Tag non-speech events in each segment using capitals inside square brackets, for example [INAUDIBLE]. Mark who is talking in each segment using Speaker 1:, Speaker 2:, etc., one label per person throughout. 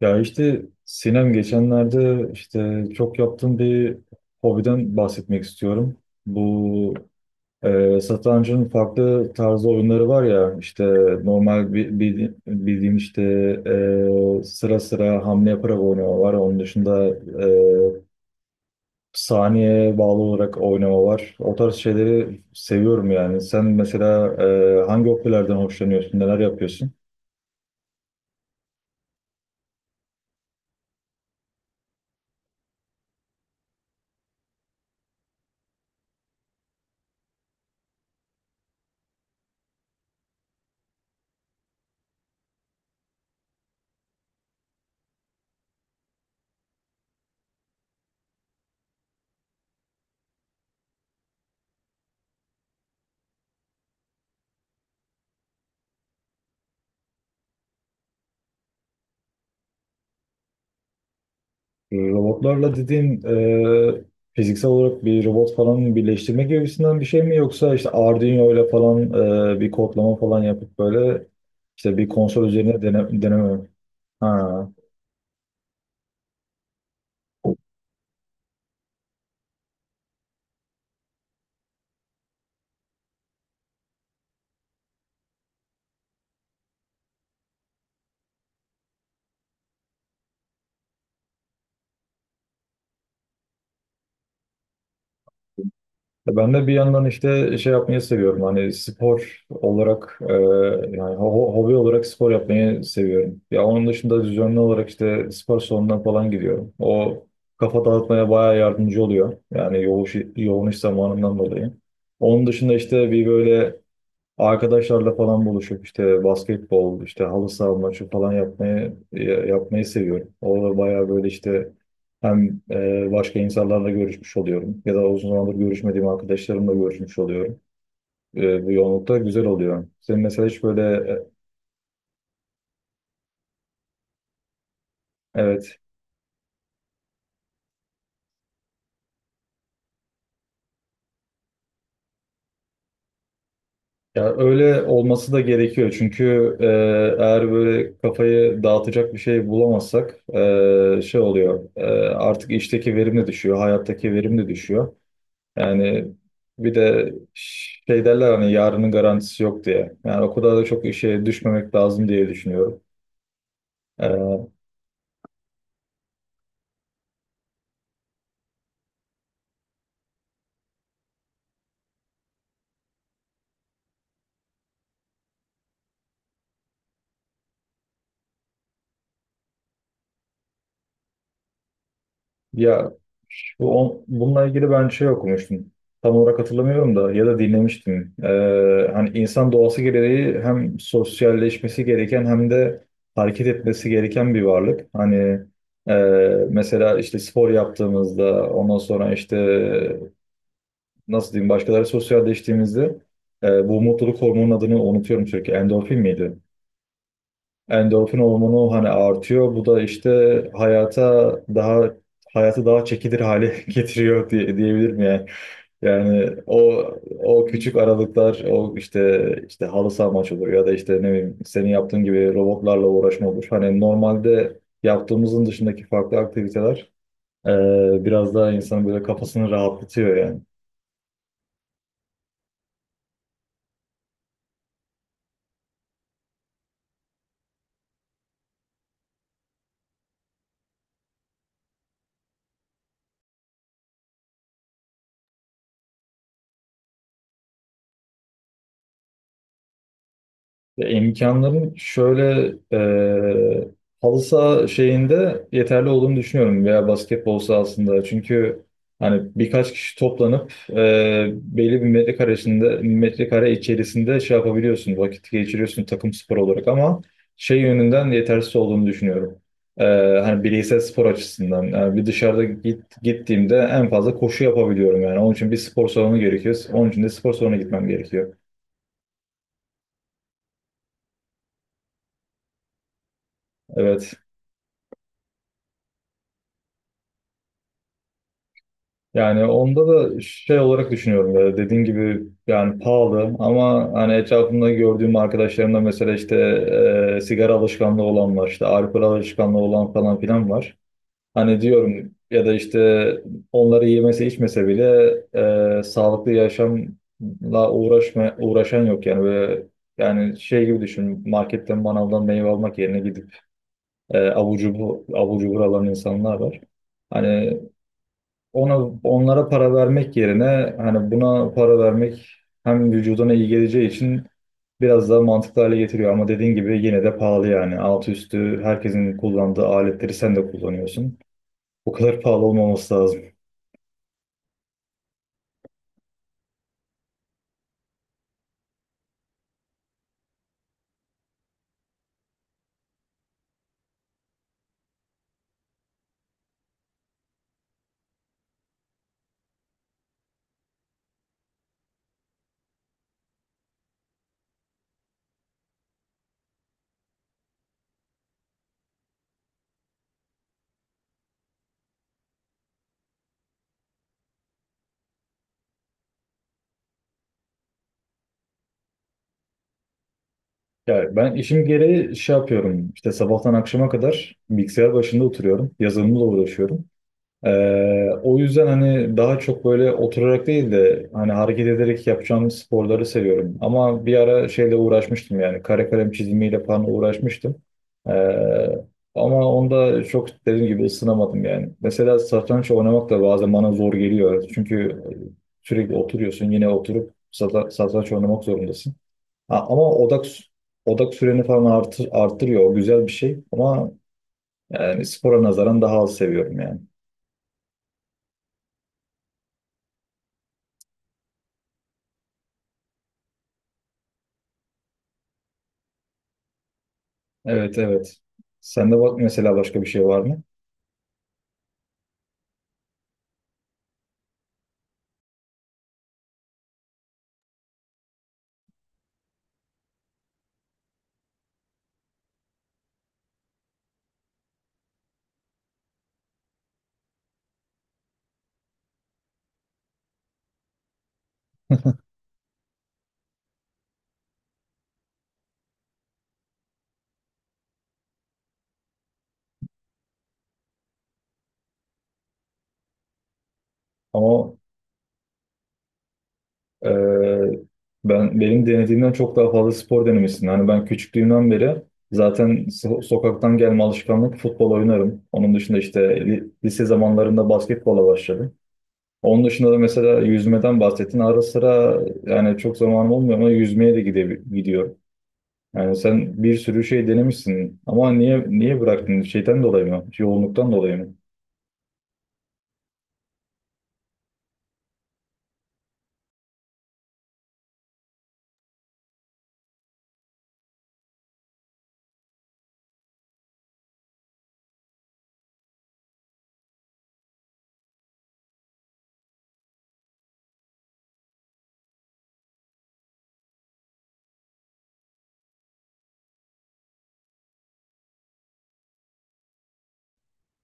Speaker 1: Ya işte Sinem geçenlerde işte çok yaptığım bir hobiden bahsetmek istiyorum. Bu satrancın farklı tarzı oyunları var ya işte normal bildiğim işte sıra sıra hamle yaparak oynama var. Onun dışında saniye bağlı olarak oynama var. O tarz şeyleri seviyorum yani. Sen mesela hangi hobilerden hoşlanıyorsun, neler yapıyorsun? Robotlarla dediğin e, fiziksel olarak bir robot falan birleştirme gibisinden bir şey mi, yoksa işte Arduino ile falan bir kodlama falan yapıp böyle işte bir konsol üzerine deneme mi? Ha. Ya ben de bir yandan işte şey yapmayı seviyorum. Hani spor olarak hobi olarak spor yapmayı seviyorum. Ya onun dışında düzenli olarak işte spor salonuna falan gidiyorum. O kafa dağıtmaya bayağı yardımcı oluyor. Yani yoğun iş zamanından dolayı. Onun dışında işte bir böyle arkadaşlarla falan buluşup işte basketbol, işte halı saha maçı falan yapmayı yapmayı seviyorum. Orada bayağı böyle işte hem başka insanlarla görüşmüş oluyorum ya da uzun zamandır görüşmediğim arkadaşlarımla görüşmüş oluyorum. Bu yoğunlukta güzel oluyor. Senin mesela hiç böyle e, evet, ya öyle olması da gerekiyor çünkü e, eğer böyle kafayı dağıtacak bir şey bulamazsak artık işteki verim de düşüyor, hayattaki verim de düşüyor. Yani bir de şey derler hani yarının garantisi yok diye. Yani o kadar da çok işe düşmemek lazım diye düşünüyorum. Ee, ya bununla ilgili ben şey okumuştum. Tam olarak hatırlamıyorum da, ya da dinlemiştim. Hani insan doğası gereği hem sosyalleşmesi gereken hem de hareket etmesi gereken bir varlık. Hani e, mesela işte spor yaptığımızda ondan sonra işte nasıl diyeyim başkaları sosyalleştiğimizde bu mutluluk hormonunun adını unutuyorum sürekli. Endorfin miydi? Endorfin hormonu hani artıyor. Bu da işte hayata daha hayatı daha çekilir hale [LAUGHS] getiriyor diyebilirim yani. Yani o küçük aralıklar, o işte işte halı saha maçı olur ya da işte ne bileyim senin yaptığın gibi robotlarla uğraşma olur. Hani normalde yaptığımızın dışındaki farklı aktiviteler biraz daha insanın böyle kafasını rahatlatıyor yani. Ya imkanların şöyle, e, halı saha şeyinde yeterli olduğunu düşünüyorum veya basketbol sahasında. Çünkü hani birkaç kişi toplanıp belli bir metrekare içerisinde şey yapabiliyorsun, vakit geçiriyorsun takım spor olarak, ama şey yönünden yetersiz olduğunu düşünüyorum. E, hani bireysel spor açısından. Yani bir dışarıda gittiğimde en fazla koşu yapabiliyorum yani. Onun için bir spor salonu gerekiyor. Onun için de spor salonuna gitmem gerekiyor. Evet. Yani onda da şey olarak düşünüyorum, ya dediğin gibi yani pahalı, ama hani etrafımda gördüğüm arkadaşlarımda mesela işte sigara alışkanlığı olan var, işte alkol alışkanlığı olan falan filan var. Hani diyorum ya, da işte onları yemese içmese bile uğraşan yok yani. Böyle yani şey gibi düşün, marketten manavdan meyve almak yerine gidip avucu buralan insanlar var. Hani ona, onlara para vermek yerine hani buna para vermek hem vücuduna iyi geleceği için biraz daha mantıklı hale getiriyor. Ama dediğin gibi yine de pahalı yani. Altı üstü herkesin kullandığı aletleri sen de kullanıyorsun. O kadar pahalı olmaması lazım. Yani ben işim gereği şey yapıyorum. İşte sabahtan akşama kadar bilgisayar başında oturuyorum. Yazılımla uğraşıyorum. O yüzden hani daha çok böyle oturarak değil de hani hareket ederek yapacağım sporları seviyorum. Ama bir ara şeyle uğraşmıştım, yani kare kalem çizimiyle falan uğraşmıştım. Ee, ama onda çok dediğim gibi ısınamadım yani. Mesela satranç oynamak da bazen bana zor geliyor. Çünkü sürekli oturuyorsun, yine oturup satranç oynamak zorundasın. Ha, ama odak süreni falan arttırıyor. O güzel bir şey, ama yani spora nazaran daha az seviyorum yani. Evet, evet. Sende bak mesela başka bir şey var mı? Ama e, ben benim denediğimden çok daha fazla spor denemişsin. Hani ben küçüklüğümden beri zaten sokaktan gelme alışkanlık futbol oynarım. Onun dışında işte lise zamanlarında basketbola başladım. Onun dışında da mesela yüzmeden bahsettin. Ara sıra yani çok zamanım olmuyor ama yüzmeye de gidiyorum. Yani sen bir sürü şey denemişsin, ama niye bıraktın? Şeyden dolayı mı? Yoğunluktan dolayı mı?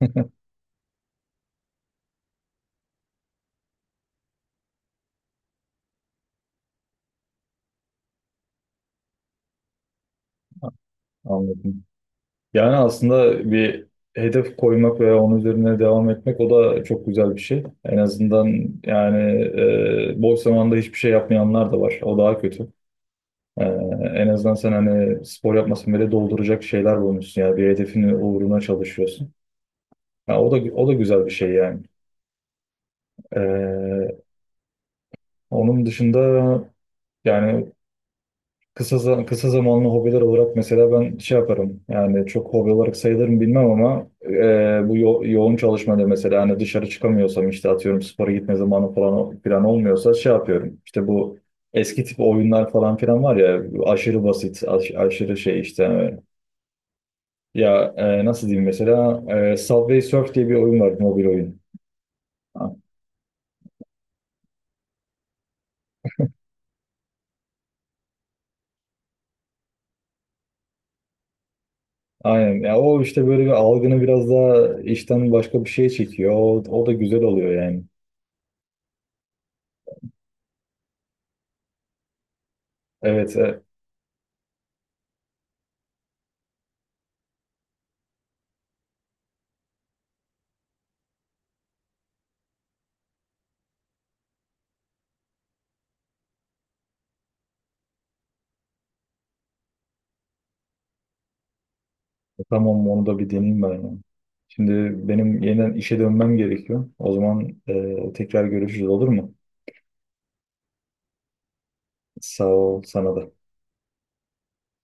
Speaker 1: [LAUGHS] Anladım. Yani aslında bir hedef koymak ve onun üzerine devam etmek, o da çok güzel bir şey. En azından yani boş zamanda hiçbir şey yapmayanlar da var. O daha kötü. E, en azından sen hani spor yapmasan bile dolduracak şeyler bulmuşsun. Yani bir hedefin uğruna çalışıyorsun. Ya o da, o da güzel bir şey yani. E, onun dışında yani kısa zamanlı hobiler olarak mesela ben şey yaparım, yani çok hobi olarak sayılırım bilmem ama bu yoğun çalışmada mesela hani dışarı çıkamıyorsam işte atıyorum spora gitme zamanı falan plan olmuyorsa şey yapıyorum, işte bu eski tip oyunlar falan filan var ya, aşırı basit aşırı şey işte. Ya nasıl diyeyim mesela, Subway Surf diye bir oyun var, mobil oyun. Ha, aynen ya, o işte böyle bir algını biraz daha işten başka bir şeye çekiyor, o da güzel oluyor yani. Evet, tamam, onu da bir deneyeyim ben ya. Şimdi benim yeniden işe dönmem gerekiyor. O zaman tekrar görüşürüz, olur mu? Sağ ol, sana da.